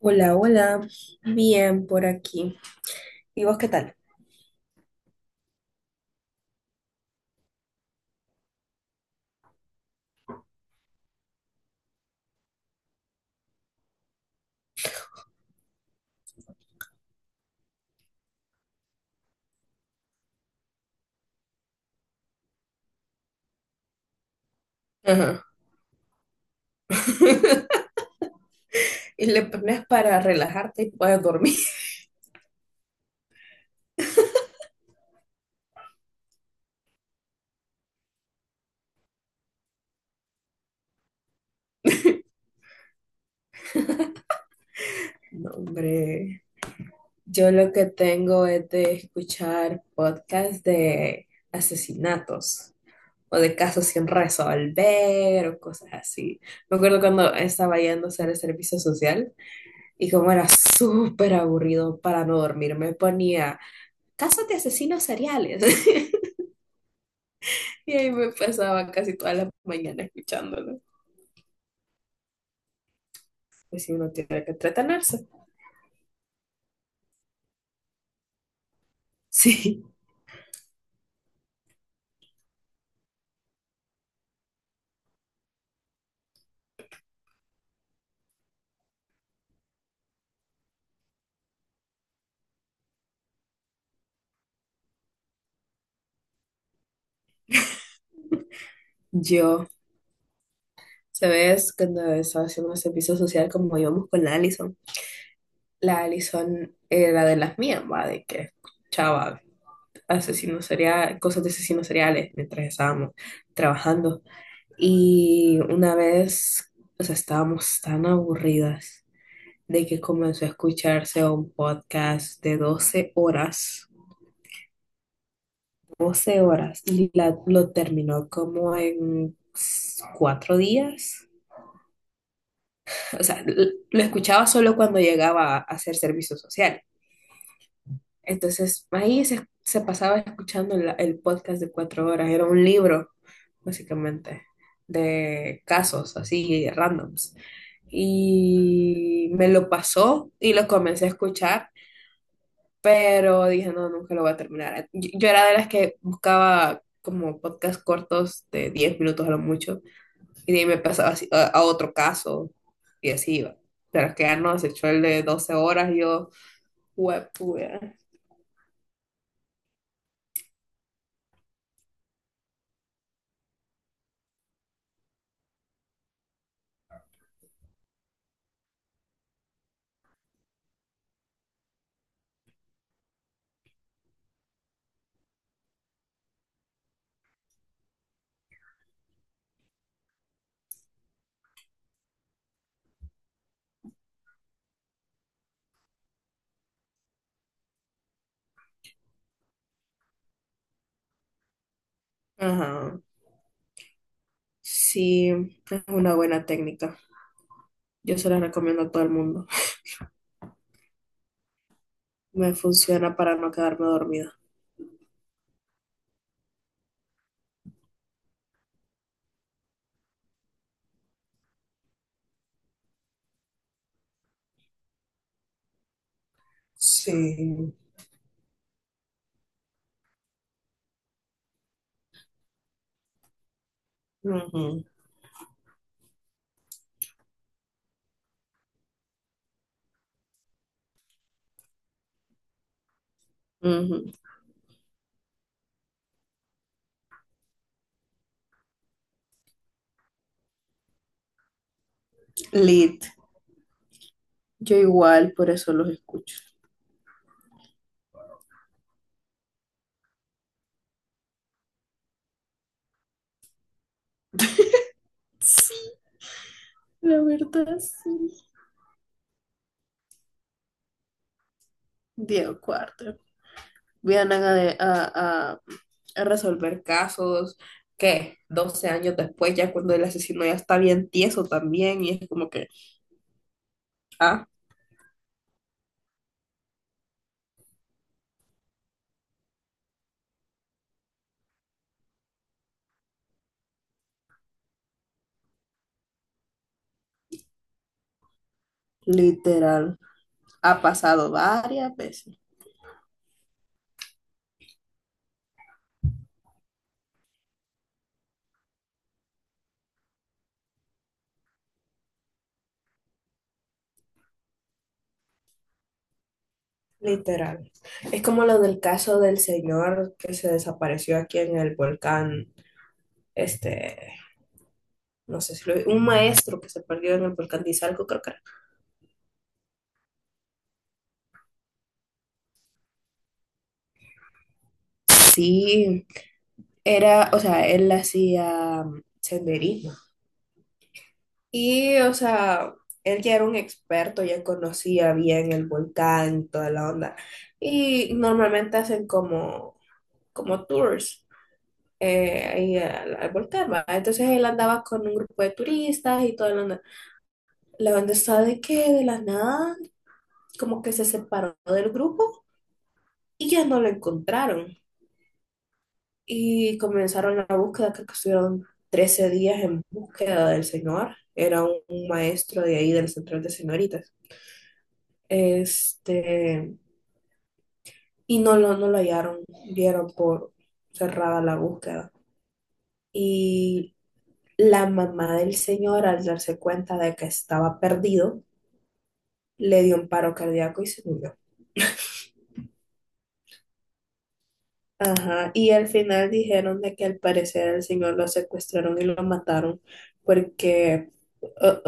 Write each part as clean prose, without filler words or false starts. Hola, hola. Bien por aquí. ¿Y vos qué tal? Ajá. Y le pones para relajarte y puedes dormir. No, hombre, yo lo que tengo es de escuchar podcasts de asesinatos o de casos sin resolver o cosas así. Me acuerdo cuando estaba yendo a hacer el servicio social y como era súper aburrido para no dormir, me ponía casos de asesinos seriales. Y ahí me pasaba casi toda la mañana escuchándolo. Pues sí, uno tiene que entretenerse. Sí, yo, ¿sabes? Cuando estaba haciendo servicio social, como íbamos con la Allison era de las mías, va, de que escuchaba asesinos seriales, cosas de asesinos seriales mientras estábamos trabajando. Y una vez, o sea, estábamos tan aburridas de que comenzó a escucharse un podcast de doce horas 12 horas y lo terminó como en cuatro días. O sea, lo escuchaba solo cuando llegaba a hacer servicio social. Entonces, ahí se pasaba escuchando el podcast de 4 horas. Era un libro, básicamente, de casos así, randoms. Y me lo pasó y lo comencé a escuchar, pero dije, no, nunca lo voy a terminar. Yo era de las que buscaba como podcast cortos de 10 minutos a lo mucho. Y de ahí me pasaba así a otro caso y así iba. Pero que ya no, se echó el de 12 horas y yo, huepuya. Ajá. Sí, es una buena técnica. Yo se la recomiendo a todo el mundo. Me funciona para no quedarme dormida. Sí. Ujú, ujú. Lit. Yo igual, por eso los escucho. Sí, la verdad, sí. Diego Cuarto. Vienen a, a- a- a resolver casos que 12 años después, ya cuando el asesino ya está bien tieso también, y es como que, ah, literal, ha pasado varias veces. Literal. Es como lo del caso del señor que se desapareció aquí en el volcán, este, no sé si lo vi, un maestro que se perdió en el volcán de Izalco, creo que era. Sí, era, o sea, él hacía senderismo. Y, o sea, él ya era un experto, ya conocía bien el volcán, toda la onda. Y normalmente hacen como, como tours, ahí al, al volcán, ¿va? Entonces él andaba con un grupo de turistas y toda la onda. La onda está de que de la nada, como que se separó del grupo y ya no lo encontraron. Y comenzaron la búsqueda, creo que estuvieron 13 días en búsqueda del señor. Era un maestro de ahí del centro de señoritas. Este, y no lo hallaron, dieron por cerrada la búsqueda. Y la mamá del señor, al darse cuenta de que estaba perdido, le dio un paro cardíaco y se murió. Ajá, y al final dijeron de que al parecer al señor lo secuestraron y lo mataron porque eh,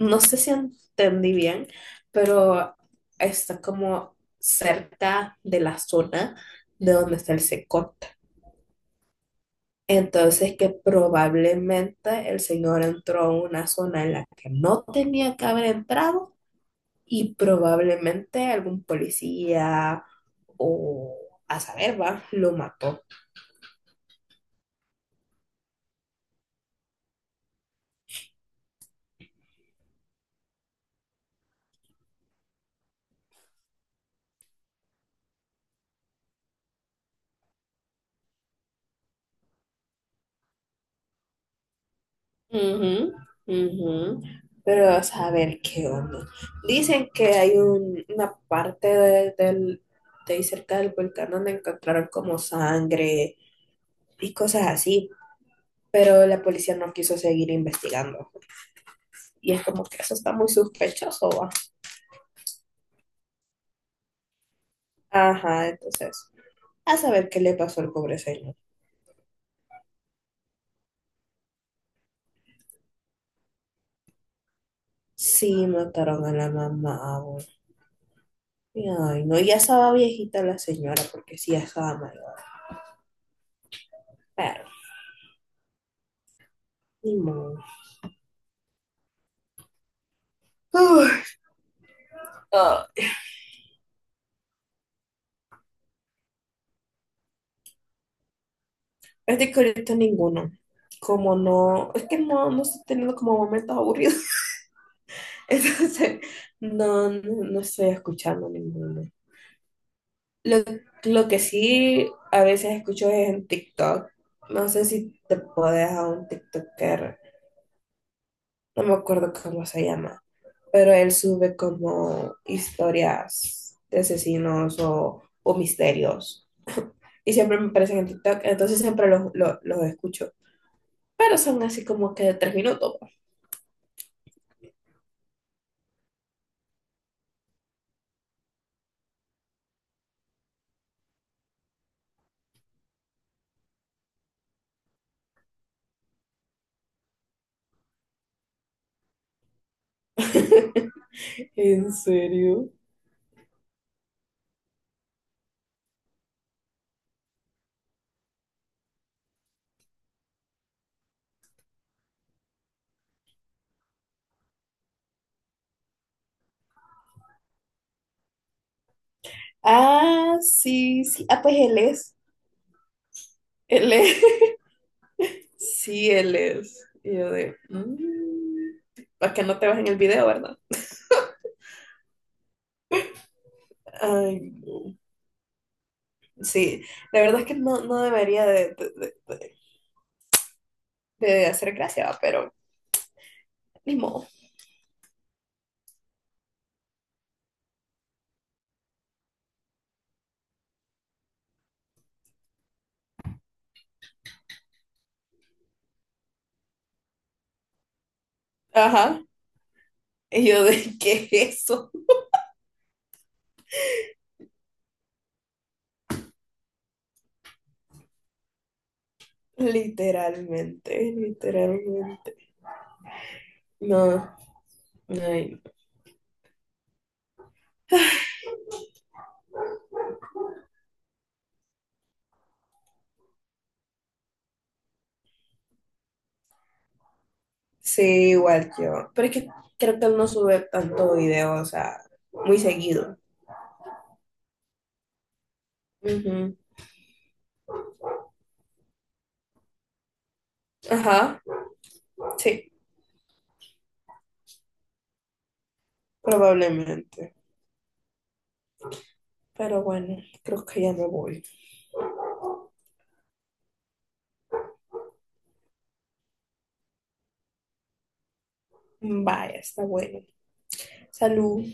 no sé si entendí bien, pero está como cerca de la zona de donde está el secot. Entonces que probablemente el señor entró a una zona en la que no tenía que haber entrado y probablemente algún policía o a saber, va, lo mató. Ujú, ujú. Pero a saber qué onda. Dicen que hay una parte del de ahí cerca del volcán donde encontraron como sangre y cosas así, pero la policía no quiso seguir investigando. Y es como que eso está muy sospechoso, ¿va? Ajá, entonces, a saber qué le pasó al pobre señor. Sí, mataron a la mamá, abuelo. Y, ay, no, ya estaba viejita la señora, porque sí, ya estaba mayor. Pero, ni modo. Uf, ay, es de que ahorita ninguno. Como no, es que no estoy teniendo como momentos aburridos. Entonces, no estoy escuchando ninguno. Lo, lo que sí a veces escucho es en TikTok. No sé si te puedes a un TikToker. No me acuerdo cómo se llama. Pero él sube como historias de asesinos o misterios. Y siempre me aparecen en TikTok, entonces siempre los escucho. Pero son así como que de 3 minutos. ¿En serio? Ah, sí, sí. Ah, pues él es. Él es. Sí, él es. Y yo de. Para que no te en el video, ¿verdad? Ay, no. Sí, la verdad es que no debería de hacer gracia, pero ni modo. Ajá. Y yo de qué es eso, literalmente, literalmente. No, ay, no. Sí, igual yo. Pero es que creo que él no sube tanto video, o sea, muy seguido. Ujú. Ajá, sí, probablemente. Pero bueno, creo que ya me voy. Vaya, está bueno. Salud.